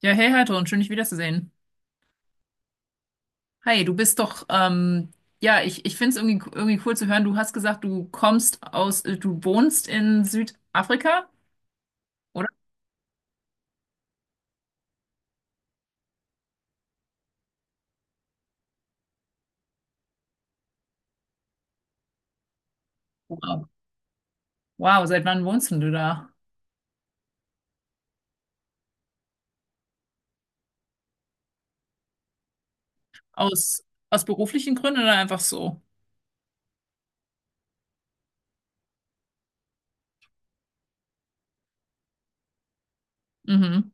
Ja, hey Heidrun, schön dich wiederzusehen. Hi, du bist doch, ja, ich finde es irgendwie cool zu hören. Du hast gesagt, du kommst aus, du wohnst in Südafrika, oder? Wow. Wow, seit wann wohnst denn du da? Aus, aus beruflichen Gründen oder einfach so? Mhm.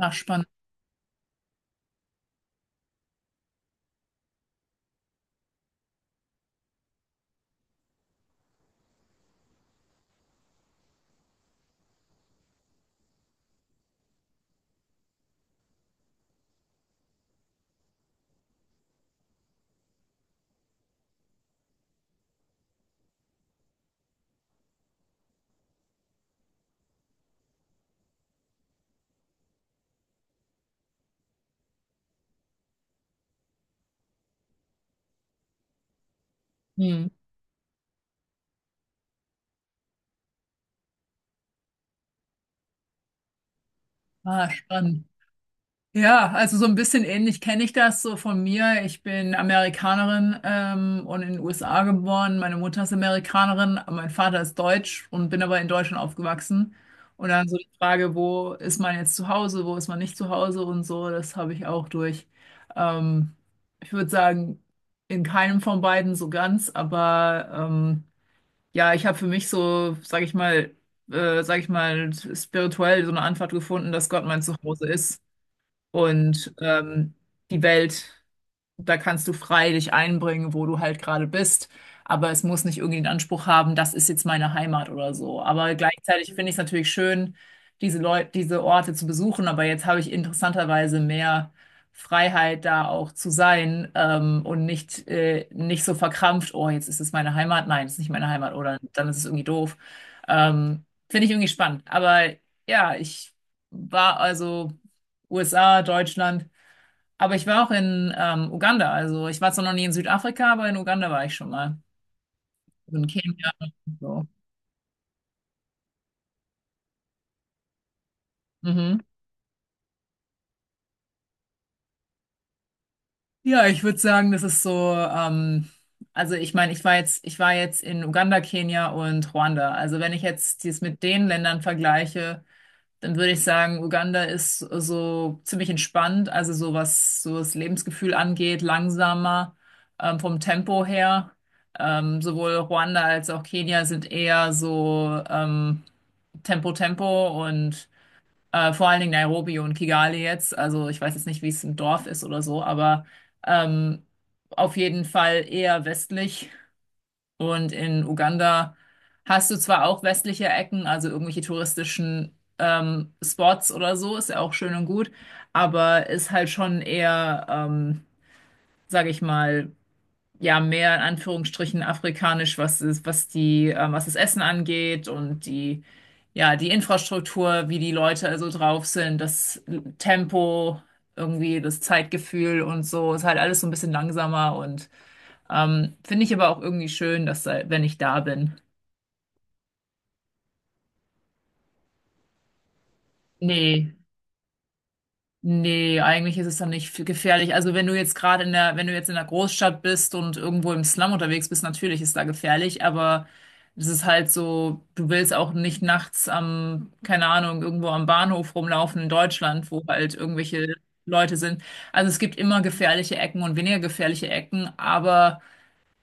Ach, spannend. Hm. Ah, spannend. Ja, also so ein bisschen ähnlich kenne ich das so von mir. Ich bin Amerikanerin und in den USA geboren. Meine Mutter ist Amerikanerin, aber mein Vater ist deutsch und bin aber in Deutschland aufgewachsen. Und dann so die Frage, wo ist man jetzt zu Hause, wo ist man nicht zu Hause und so, das habe ich auch durch. Ähm, ich würde sagen, in keinem von beiden so ganz, aber ja, ich habe für mich so, sage ich mal, spirituell so eine Antwort gefunden, dass Gott mein Zuhause ist und die Welt. Da kannst du frei dich einbringen, wo du halt gerade bist. Aber es muss nicht irgendwie den Anspruch haben, das ist jetzt meine Heimat oder so. Aber gleichzeitig finde ich es natürlich schön, diese Leute, diese Orte zu besuchen. Aber jetzt habe ich interessanterweise mehr Freiheit, da auch zu sein, und nicht, nicht so verkrampft, oh, jetzt ist es meine Heimat. Nein, es ist nicht meine Heimat. Oder dann ist es irgendwie doof. Finde ich irgendwie spannend. Aber ja, ich war also USA, Deutschland. Aber ich war auch in Uganda. Also ich war zwar noch nie in Südafrika, aber in Uganda war ich schon mal. Und in Kenia und so. Mhm. Ja, ich würde sagen, das ist so, also ich meine, ich war jetzt in Uganda, Kenia und Ruanda. Also wenn ich jetzt dies mit den Ländern vergleiche, dann würde ich sagen, Uganda ist so ziemlich entspannt, also so was so das Lebensgefühl angeht, langsamer, vom Tempo her. Sowohl Ruanda als auch Kenia sind eher so, Tempo Tempo und vor allen Dingen Nairobi und Kigali jetzt. Also ich weiß jetzt nicht, wie es im Dorf ist oder so, aber ähm, auf jeden Fall eher westlich. Und in Uganda hast du zwar auch westliche Ecken, also irgendwelche touristischen Spots oder so, ist ja auch schön und gut, aber ist halt schon eher, sage ich mal, ja mehr in Anführungsstrichen afrikanisch, was die, was das Essen angeht und die, ja, die Infrastruktur, wie die Leute also drauf sind, das Tempo, irgendwie das Zeitgefühl und so, ist halt alles so ein bisschen langsamer und finde ich aber auch irgendwie schön, wenn ich da bin. Nee. Nee, eigentlich ist es dann nicht f- gefährlich. Also wenn du jetzt wenn du jetzt in der Großstadt bist und irgendwo im Slum unterwegs bist, natürlich ist da gefährlich, aber es ist halt so, du willst auch nicht nachts am, keine Ahnung, irgendwo am Bahnhof rumlaufen in Deutschland, wo halt irgendwelche Leute sind. Also es gibt immer gefährliche Ecken und weniger gefährliche Ecken, aber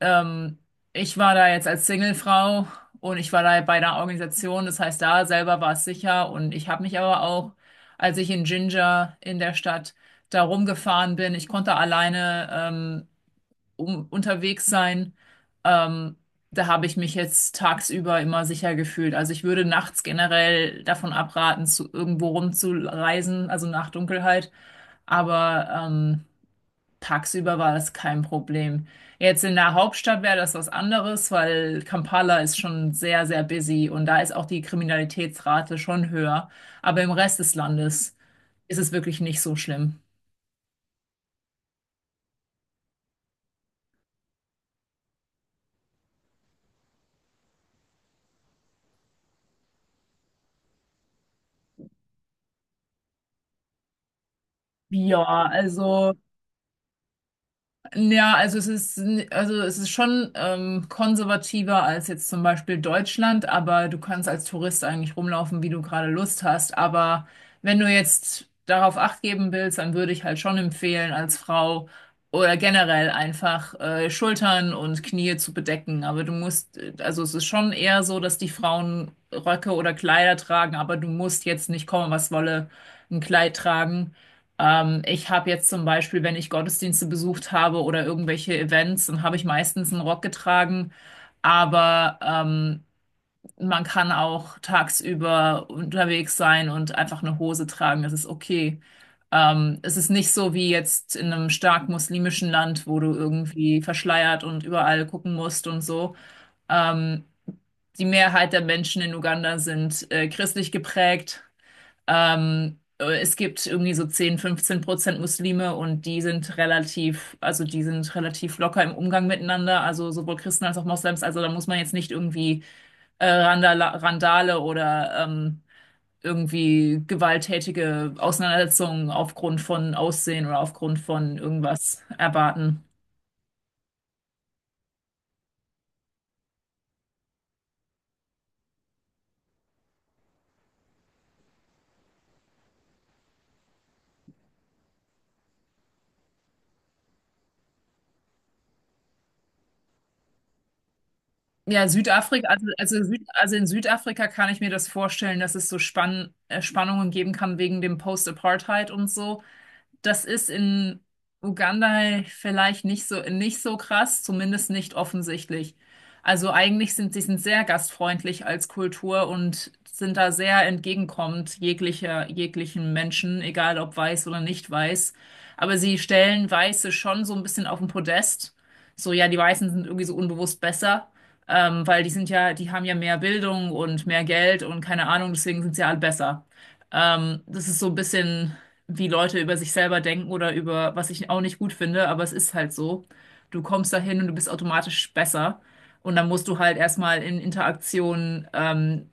ähm, ich war da jetzt als Singlefrau und ich war da bei einer Organisation, das heißt, da selber war es sicher und ich habe mich aber auch, als ich in Ginger in der Stadt da rumgefahren bin, ich konnte alleine unterwegs sein. Ähm, da habe ich mich jetzt tagsüber immer sicher gefühlt. Also ich würde nachts generell davon abraten, zu irgendwo rumzureisen, also nach Dunkelheit. Aber tagsüber war das kein Problem. Jetzt in der Hauptstadt wäre das was anderes, weil Kampala ist schon sehr, sehr busy und da ist auch die Kriminalitätsrate schon höher. Aber im Rest des Landes ist es wirklich nicht so schlimm. Ja, also. Ja, also es ist, also es ist schon konservativer als jetzt zum Beispiel Deutschland, aber du kannst als Tourist eigentlich rumlaufen, wie du gerade Lust hast. Aber wenn du jetzt darauf Acht geben willst, dann würde ich halt schon empfehlen, als Frau oder generell einfach Schultern und Knie zu bedecken. Aber du musst, also es ist schon eher so, dass die Frauen Röcke oder Kleider tragen, aber du musst jetzt nicht kommen, was wolle, ein Kleid tragen. Ich habe jetzt zum Beispiel, wenn ich Gottesdienste besucht habe oder irgendwelche Events, dann habe ich meistens einen Rock getragen. Aber man kann auch tagsüber unterwegs sein und einfach eine Hose tragen. Das ist okay. Es ist nicht so wie jetzt in einem stark muslimischen Land, wo du irgendwie verschleiert und überall gucken musst und so. Ähm, die Mehrheit der Menschen in Uganda sind christlich geprägt. Es gibt irgendwie so 10, 15 Prozent Muslime und die sind relativ, also die sind relativ locker im Umgang miteinander, also sowohl Christen als auch Moslems. Also da muss man jetzt nicht irgendwie Randala Randale oder irgendwie gewalttätige Auseinandersetzungen aufgrund von Aussehen oder aufgrund von irgendwas erwarten. Ja, Südafrika, also, Süd, also in Südafrika kann ich mir das vorstellen, dass es so Spannungen geben kann wegen dem Post-Apartheid und so. Das ist in Uganda vielleicht nicht so, nicht so krass, zumindest nicht offensichtlich. Also eigentlich sind sehr gastfreundlich als Kultur und sind da sehr entgegenkommend jeglicher, jeglichen Menschen, egal ob weiß oder nicht weiß. Aber sie stellen Weiße schon so ein bisschen auf den Podest. So, ja, die Weißen sind irgendwie so unbewusst besser, weil die sind ja, die haben ja mehr Bildung und mehr Geld und keine Ahnung, deswegen sind sie alle besser. Das ist so ein bisschen wie Leute über sich selber denken oder über, was ich auch nicht gut finde, aber es ist halt so. Du kommst dahin und du bist automatisch besser. Und dann musst du halt erstmal in Interaktion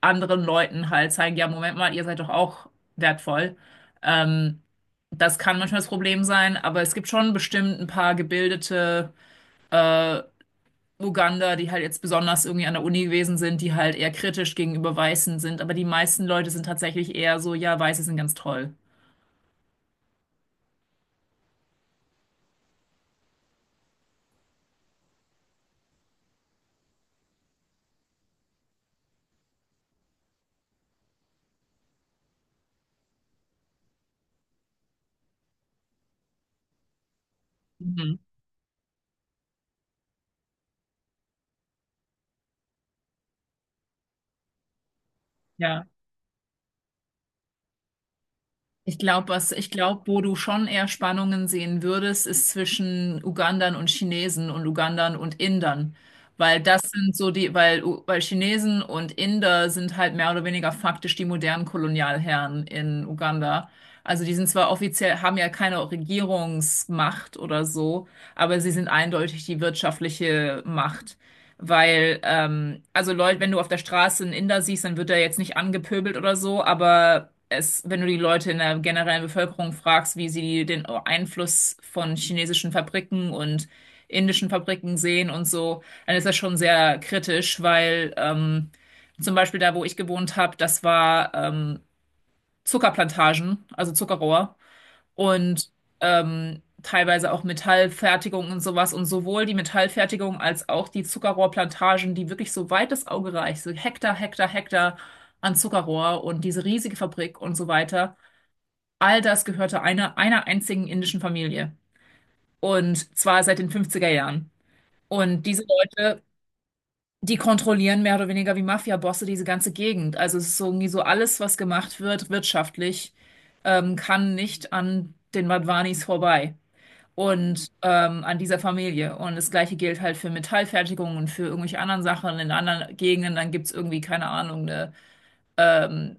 anderen Leuten halt zeigen, ja, Moment mal, ihr seid doch auch wertvoll. Ähm, das kann manchmal das Problem sein, aber es gibt schon bestimmt ein paar gebildete Uganda, die halt jetzt besonders irgendwie an der Uni gewesen sind, die halt eher kritisch gegenüber Weißen sind. Aber die meisten Leute sind tatsächlich eher so, ja, Weiße sind ganz toll. Mhm. Ja. Was ich glaube, wo du schon eher Spannungen sehen würdest, ist zwischen Ugandern und Chinesen und Ugandern und Indern, weil das sind so die, weil Chinesen und Inder sind halt mehr oder weniger faktisch die modernen Kolonialherren in Uganda. Also die sind zwar offiziell, haben ja keine Regierungsmacht oder so, aber sie sind eindeutig die wirtschaftliche Macht. Weil, also Leute, wenn du auf der Straße einen Inder siehst, dann wird er jetzt nicht angepöbelt oder so, aber es, wenn du die Leute in der generellen Bevölkerung fragst, wie sie den Einfluss von chinesischen Fabriken und indischen Fabriken sehen und so, dann ist das schon sehr kritisch, weil zum Beispiel da, wo ich gewohnt habe, das war Zuckerplantagen, also Zuckerrohr und teilweise auch Metallfertigung und sowas. Und sowohl die Metallfertigung als auch die Zuckerrohrplantagen, die wirklich so weit das Auge reicht, so Hektar, Hektar, Hektar an Zuckerrohr und diese riesige Fabrik und so weiter, all das gehörte einer, einer einzigen indischen Familie. Und zwar seit den fünfziger Jahren. Und diese Leute, die kontrollieren mehr oder weniger wie Mafia-Bosse diese ganze Gegend. Also es ist so irgendwie so alles, was gemacht wird wirtschaftlich, kann nicht an den Madhwanis vorbei und an dieser Familie. Und das Gleiche gilt halt für Metallfertigung und für irgendwelche anderen Sachen in anderen Gegenden. Dann gibt's irgendwie, keine Ahnung, eine ähm,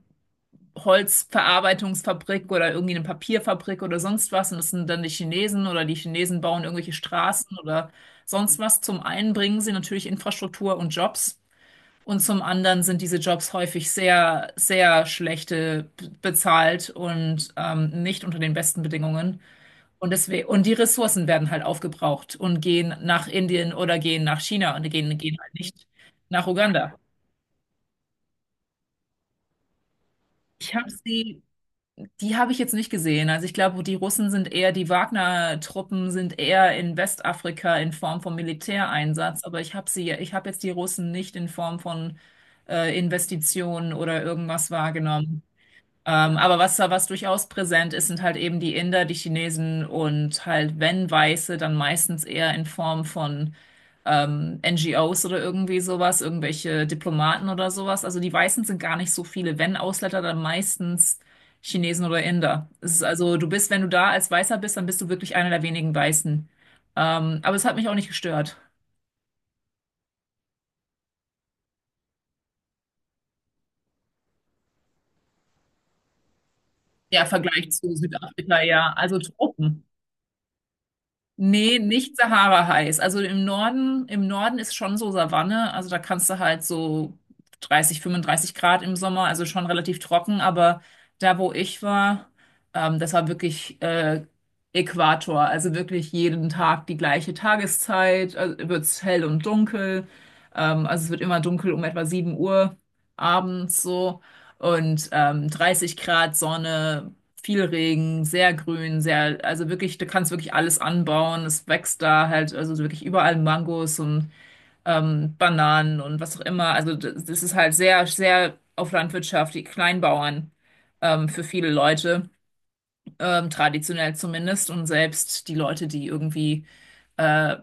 Holzverarbeitungsfabrik oder irgendwie eine Papierfabrik oder sonst was. Und das sind dann die Chinesen oder die Chinesen bauen irgendwelche Straßen oder sonst was. Zum einen bringen sie natürlich Infrastruktur und Jobs. Und zum anderen sind diese Jobs häufig sehr, sehr schlechte bezahlt und nicht unter den besten Bedingungen. Und deswegen, und die Ressourcen werden halt aufgebraucht und gehen nach Indien oder gehen nach China und gehen halt nicht nach Uganda. Ich habe sie, die habe ich jetzt nicht gesehen. Also ich glaube, die Russen sind eher, die Wagner-Truppen sind eher in Westafrika in Form von Militäreinsatz, aber ich habe jetzt die Russen nicht in Form von Investitionen oder irgendwas wahrgenommen. Aber was durchaus präsent ist, sind halt eben die Inder, die Chinesen und halt, wenn Weiße, dann meistens eher in Form von NGOs oder irgendwie sowas, irgendwelche Diplomaten oder sowas. Also die Weißen sind gar nicht so viele. Wenn Ausländer, dann meistens Chinesen oder Inder. Es ist also, du bist, wenn du da als Weißer bist, dann bist du wirklich einer der wenigen Weißen. Aber es hat mich auch nicht gestört. Der Vergleich zu Südafrika, ja, also Tropen. Nee, nicht Sahara-heiß. Also im Norden ist schon so Savanne. Also da kannst du halt so 30, 35 Grad im Sommer, also schon relativ trocken. Aber da, wo ich war, das war wirklich Äquator. Also wirklich jeden Tag die gleiche Tageszeit. Also wird's hell und dunkel. Also es wird immer dunkel um etwa 7 Uhr abends so. Und 30 Grad Sonne, viel Regen, sehr grün, sehr, also wirklich, du kannst wirklich alles anbauen. Es wächst da halt, also wirklich überall Mangos und Bananen und was auch immer. Also das ist halt sehr, sehr auf Landwirtschaft, die Kleinbauern für viele Leute, traditionell zumindest. Und selbst die Leute, die irgendwie äh,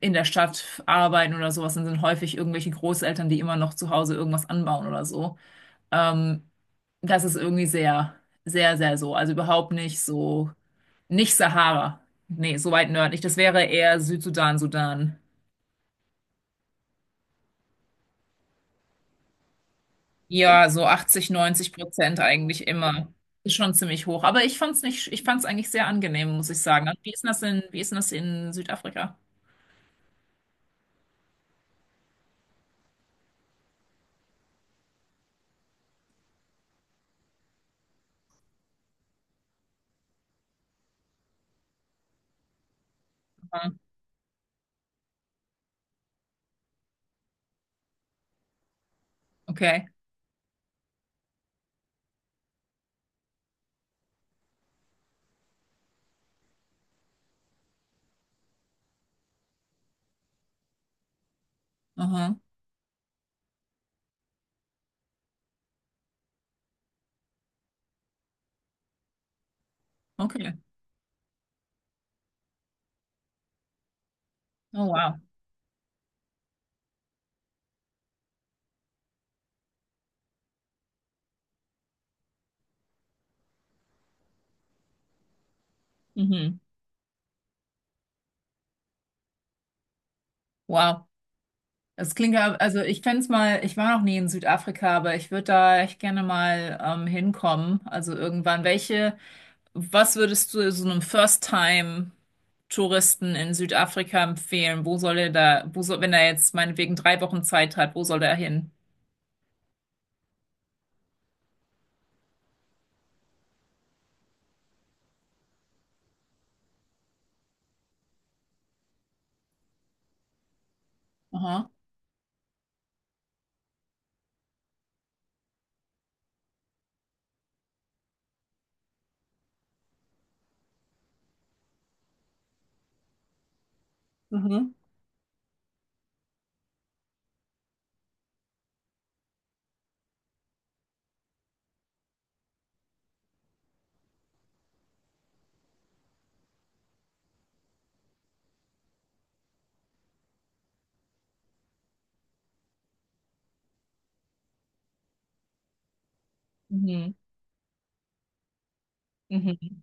in der Stadt arbeiten oder sowas, dann sind häufig irgendwelche Großeltern, die immer noch zu Hause irgendwas anbauen oder so. Ähm, Das ist irgendwie sehr, sehr, sehr so. Also überhaupt nicht so, nicht Sahara. Nee, so weit nördlich. Das wäre eher Südsudan, Sudan. Ja, so 80, 90% eigentlich immer. Ist schon ziemlich hoch. Aber ich fand's nicht, ich fand's eigentlich sehr angenehm, muss ich sagen. Wie ist denn das in, wie ist denn das in Südafrika? Ah, okay. Aha. Okay. Oh, wow. Mhm. Wow. Das klingt ja, also ich fände es mal, ich war noch nie in Südafrika, aber ich würde da echt gerne mal hinkommen. Also irgendwann. Welche, was würdest du so einem First-Time-Touristen in Südafrika empfehlen? Wo soll er da, wo soll, wenn er jetzt meinetwegen drei Wochen Zeit hat, wo soll er hin? Aha. Mhm. Mhm. Mhm.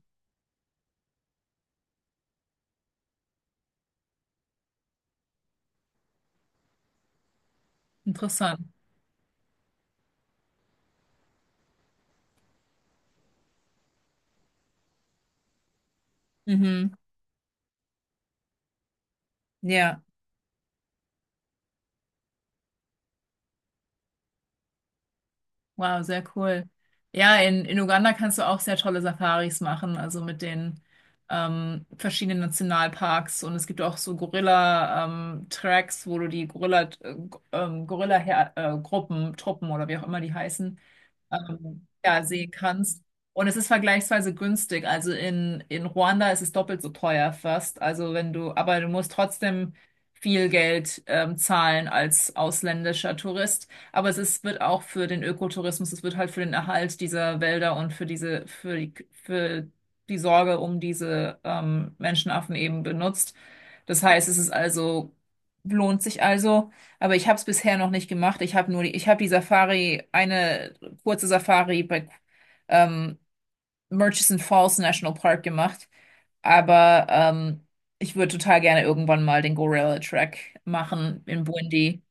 Interessant. Mhm. Ja, wow, sehr cool. Ja, in Uganda kannst du auch sehr tolle Safaris machen, also mit den verschiedenen Nationalparks, und es gibt auch so Gorilla-Tracks, wo du die Gorilla-Gruppen, Truppen oder wie auch immer die heißen ja, sehen kannst. Und es ist vergleichsweise günstig. Also in Ruanda ist es doppelt so teuer fast. Also wenn du, aber du musst trotzdem viel Geld zahlen als ausländischer Tourist. Aber es ist, wird auch für den Ökotourismus, es wird halt für den Erhalt dieser Wälder und für diese, für die Sorge um diese Menschenaffen eben benutzt. Das heißt, es ist also, lohnt sich also, aber ich habe es bisher noch nicht gemacht. Ich habe nur die, ich habe die Safari, eine kurze Safari bei ähm, Murchison Falls National Park gemacht, aber ich würde total gerne irgendwann mal den Gorilla Track machen in Burundi,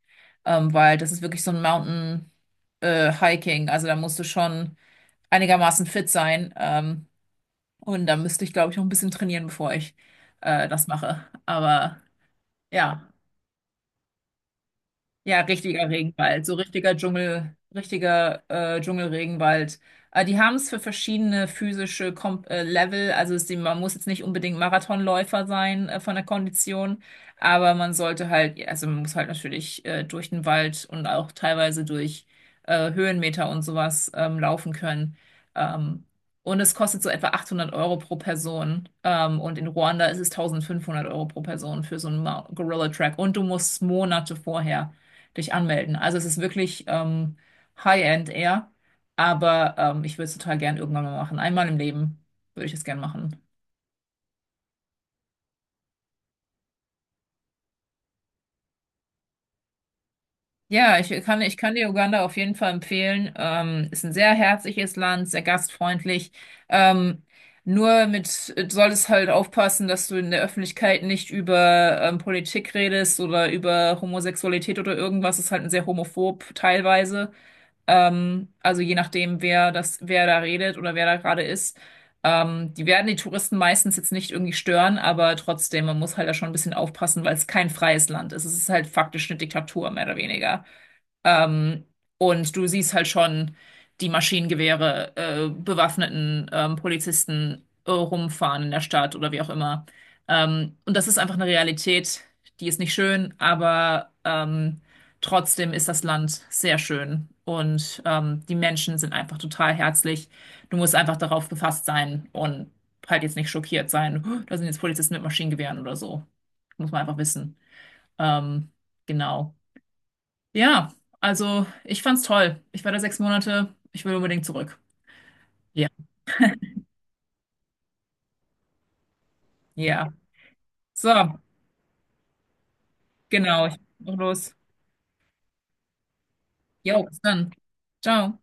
weil das ist wirklich so ein Mountain Hiking, also da musst du schon einigermaßen fit sein, und da müsste ich, glaube ich, noch ein bisschen trainieren, bevor ich das mache, aber ja. Ja, richtiger Regenwald, so richtiger Dschungel, richtiger Dschungelregenwald. Die haben es für verschiedene physische Kom Level, also ist die, man muss jetzt nicht unbedingt Marathonläufer sein, von der Kondition, aber man sollte halt, ja, also man muss halt natürlich durch den Wald und auch teilweise durch Höhenmeter und sowas laufen können. Ähm, und es kostet so etwa 800 Euro pro Person. Und in Ruanda ist es 1500 Euro pro Person für so einen Mount- Gorilla Track. Und du musst Monate vorher dich anmelden. Also es ist wirklich High-End eher, aber ich würde es total gern irgendwann mal machen. Einmal im Leben würde ich es gern machen. Ja, ich kann dir Uganda auf jeden Fall empfehlen. Ist ein sehr herzliches Land, sehr gastfreundlich. Ähm, Nur mit, solltest halt aufpassen, dass du in der Öffentlichkeit nicht über Politik redest oder über Homosexualität oder irgendwas. Ist halt ein sehr homophob teilweise. Also je nachdem, wer da redet oder wer da gerade ist. Die werden die Touristen meistens jetzt nicht irgendwie stören, aber trotzdem, man muss halt da schon ein bisschen aufpassen, weil es kein freies Land ist. Es ist halt faktisch eine Diktatur, mehr oder weniger. Ähm, und du siehst halt schon die Maschinengewehre, bewaffneten Polizisten rumfahren in der Stadt oder wie auch immer. Und das ist einfach eine Realität, die ist nicht schön, aber trotzdem ist das Land sehr schön. Und die Menschen sind einfach total herzlich. Du musst einfach darauf gefasst sein und halt jetzt nicht schockiert sein. "Oh, da sind jetzt Polizisten mit Maschinengewehren oder so." Muss man einfach wissen. Ähm, genau. Ja, also ich fand's toll. Ich war da 6 Monate. Ich will unbedingt zurück. Ja, ja. So, genau. Ich mach los. Jo, bis dann. Ciao.